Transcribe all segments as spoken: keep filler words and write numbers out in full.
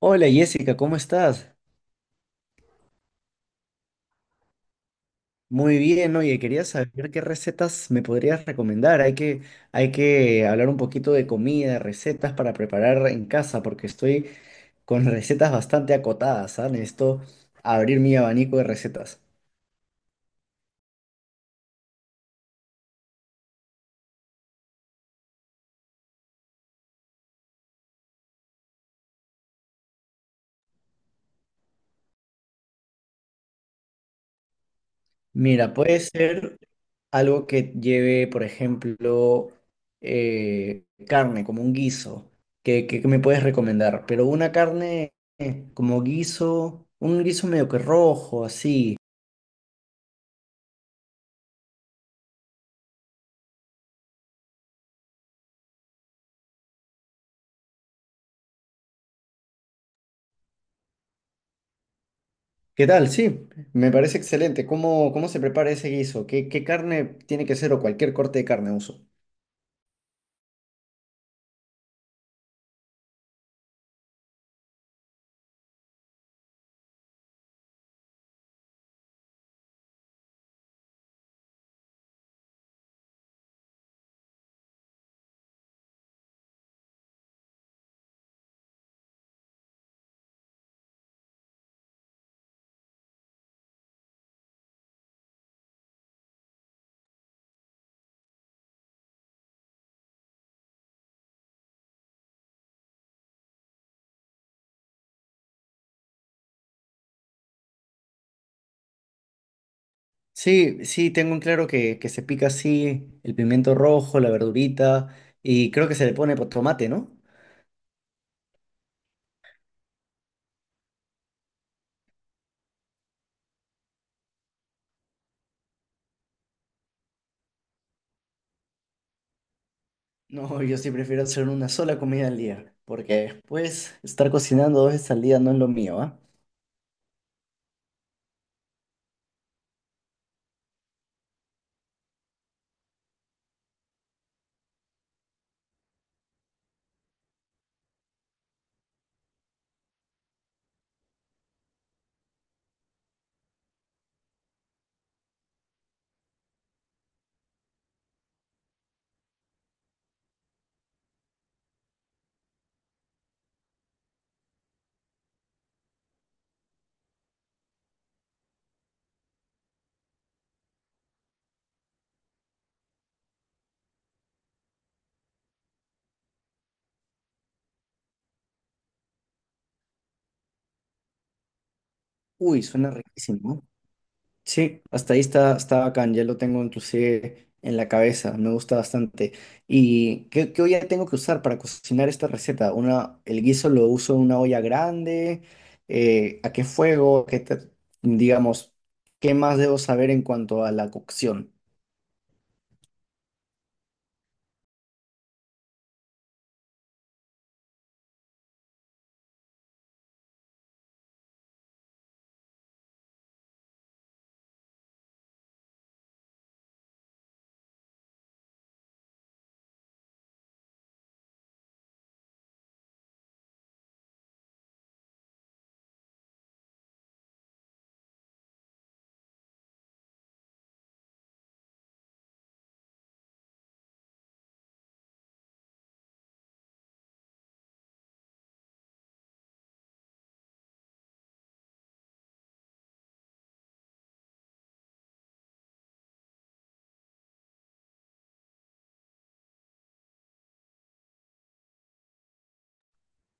Hola Jessica, ¿cómo estás? Muy bien, oye, quería saber qué recetas me podrías recomendar. Hay que, hay que hablar un poquito de comida, recetas para preparar en casa, porque estoy con recetas bastante acotadas, ¿sabes? Necesito abrir mi abanico de recetas. Mira, puede ser algo que lleve, por ejemplo, eh, carne, como un guiso. ¿Qué, qué- Qué me puedes recomendar? Pero una carne eh, como guiso, un guiso medio que rojo, así. ¿Qué tal? Sí, me parece excelente. ¿Cómo, Cómo se prepara ese guiso? ¿Qué, qué carne tiene que ser o cualquier corte de carne uso? Sí, sí, tengo en claro que, que se pica así el pimiento rojo, la verdurita y creo que se le pone po- tomate, ¿no? No, yo sí prefiero hacer una sola comida al día, porque después estar cocinando dos veces al día no es lo mío, ¿ah? Uy, suena riquísimo. Sí, hasta ahí está, está bacán, ya lo tengo inclusive en la cabeza, me gusta bastante. ¿Y qué, qué olla tengo que usar para cocinar esta receta? Una, el guiso lo uso en una olla grande, eh, ¿a qué fuego? ¿Qué te- digamos, ¿qué más debo saber en cuanto a la cocción?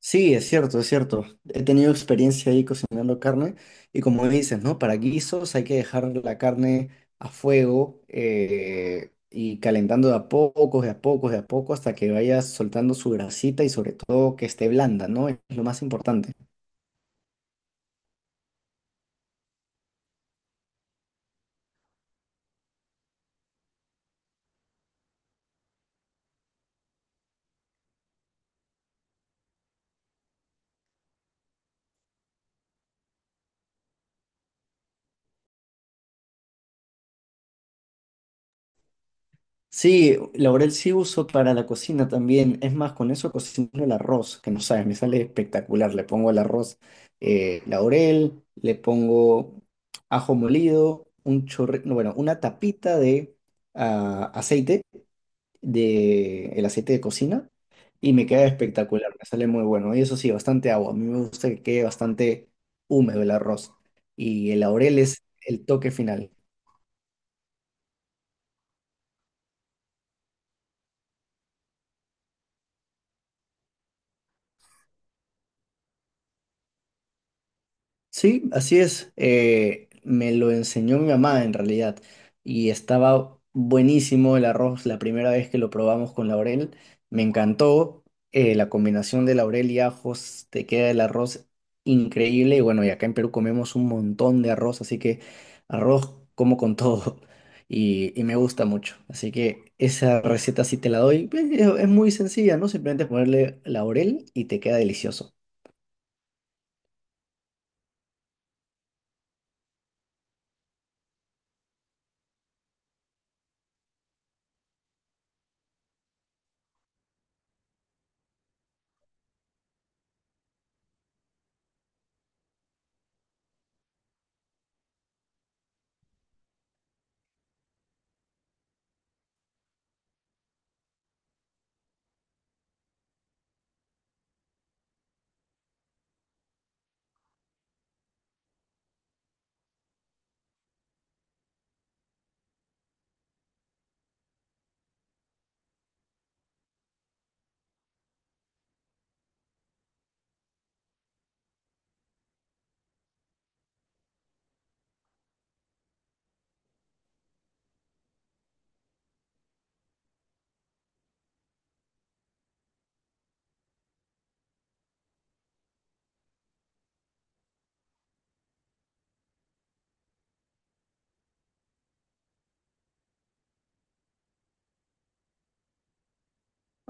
Sí, es cierto, es cierto. He tenido experiencia ahí cocinando carne y como dices, ¿no? Para guisos hay que dejar la carne a fuego eh, y calentando de a poco, de a poco, de a poco hasta que vaya soltando su grasita y sobre todo que esté blanda, ¿no? Es lo más importante. Sí, laurel sí uso para la cocina también. Es más, con eso cocino el arroz, que no sabes, me sale espectacular. Le pongo el arroz eh, laurel, le pongo ajo molido, un chorre, no, bueno, una tapita de ah, aceite, de el aceite de cocina, y me queda espectacular, me sale muy bueno. Y eso sí, bastante agua. A mí me gusta que quede bastante húmedo el arroz. Y el laurel es el toque final. Sí, así es. Eh, me lo enseñó mi mamá en realidad y estaba buenísimo el arroz la primera vez que lo probamos con laurel. Me encantó eh, la combinación de laurel y ajos, te queda el arroz increíble y bueno, y acá en Perú comemos un montón de arroz, así que arroz como con todo y, y me gusta mucho. Así que esa receta sí te la doy pues. Es, es muy sencilla, ¿no? Simplemente ponerle laurel y te queda delicioso.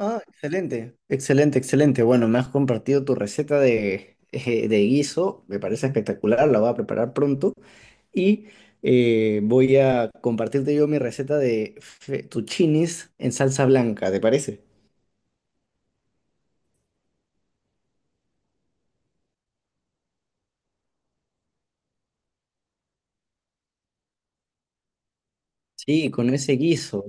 Ah, excelente, excelente, excelente. Bueno, me has compartido tu receta de, eh, de guiso, me parece espectacular, la voy a preparar pronto y eh, voy a compartirte yo mi receta de fettuccinis en salsa blanca, ¿te parece? Sí, con ese guiso.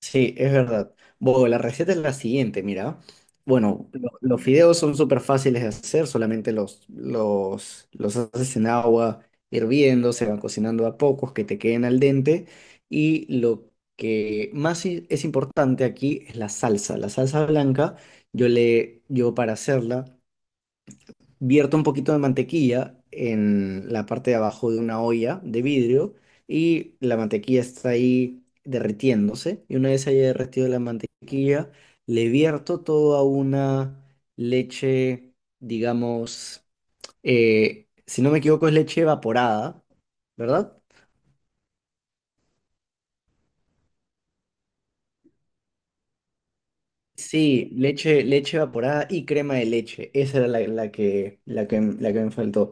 Sí, es verdad. Bueno, la receta es la siguiente, mira. Bueno, lo- los fideos son súper fáciles de hacer, solamente los, los, los haces en agua hirviendo, se van cocinando a pocos, que te queden al dente. Y lo que más i- es importante aquí es la salsa. La salsa blanca, yo le, yo para hacerla vierto un poquito de mantequilla en la parte de abajo de una olla de vidrio y la mantequilla está ahí derritiéndose. Y una vez haya derretido la mantequilla, le vierto toda una leche, digamos, eh, si no me equivoco, es leche evaporada, ¿verdad? Sí, leche, leche evaporada y crema de leche. Esa era la, la que, la que, la que me faltó.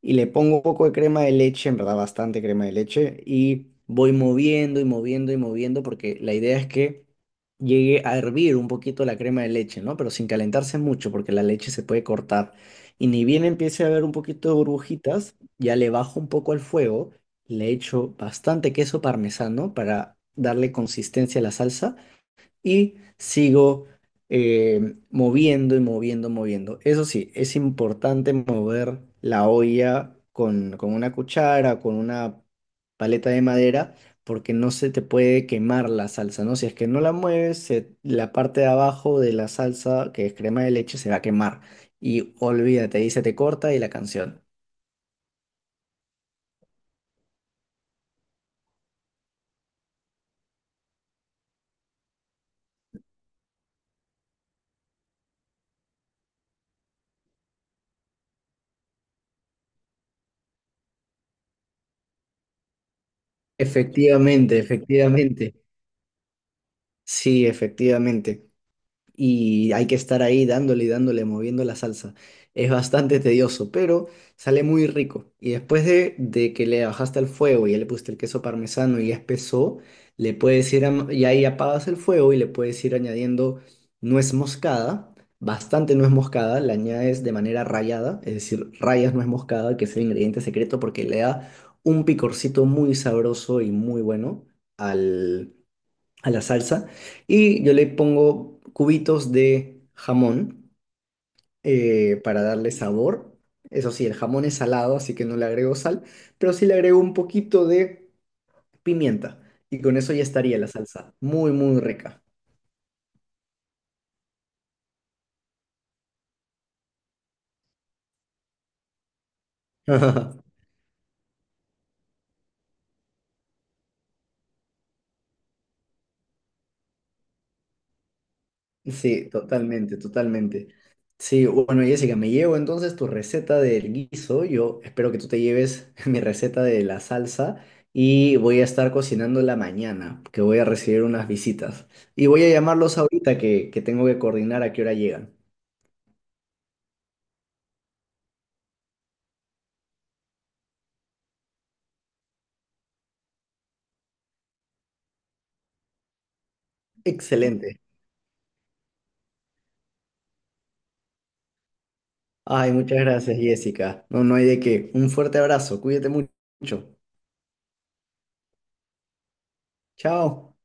Y le pongo un poco de crema de leche, en verdad bastante crema de leche, y voy moviendo y moviendo y moviendo porque la idea es que llegue a hervir un poquito la crema de leche, ¿no? Pero sin calentarse mucho porque la leche se puede cortar. Y ni bien empiece a ver un poquito de burbujitas, ya le bajo un poco al fuego, le echo bastante queso parmesano para darle consistencia a la salsa y sigo eh, moviendo y moviendo, moviendo. Eso sí, es importante mover la olla con, con una cuchara, con una paleta de madera, porque no se te puede quemar la salsa, ¿no? Si es que no la mueves, se- la parte de abajo de la salsa, que es crema de leche, se va a quemar. Y olvídate, ahí se te corta y la canción. Efectivamente, efectivamente. Sí, efectivamente. Y hay que estar ahí dándole y dándole, moviendo la salsa. Es bastante tedioso, pero sale muy rico. Y después de, de que le bajaste el fuego y ya le pusiste el queso parmesano y ya espesó, le puedes ir, am- y ahí apagas el fuego y le puedes ir añadiendo nuez moscada, bastante nuez moscada, la añades de manera rallada, es decir, rayas nuez moscada, que es el ingrediente secreto porque le da un picorcito muy sabroso y muy bueno a la salsa y yo le pongo cubitos de jamón eh, para darle sabor. Eso sí, el jamón es salado, así que no le agrego sal, pero sí le agrego un poquito de pimienta y con eso ya estaría la salsa. Muy, muy rica. Sí, totalmente, totalmente. Sí, bueno, Jessica, me llevo entonces tu receta del guiso. Yo espero que tú te lleves mi receta de la salsa y voy a estar cocinándola mañana, que voy a recibir unas visitas. Y voy a llamarlos ahorita que, que tengo que coordinar a qué hora llegan. Excelente. Ay, muchas gracias, Jessica. No, no hay de qué. Un fuerte abrazo. Cuídate mucho. Chao.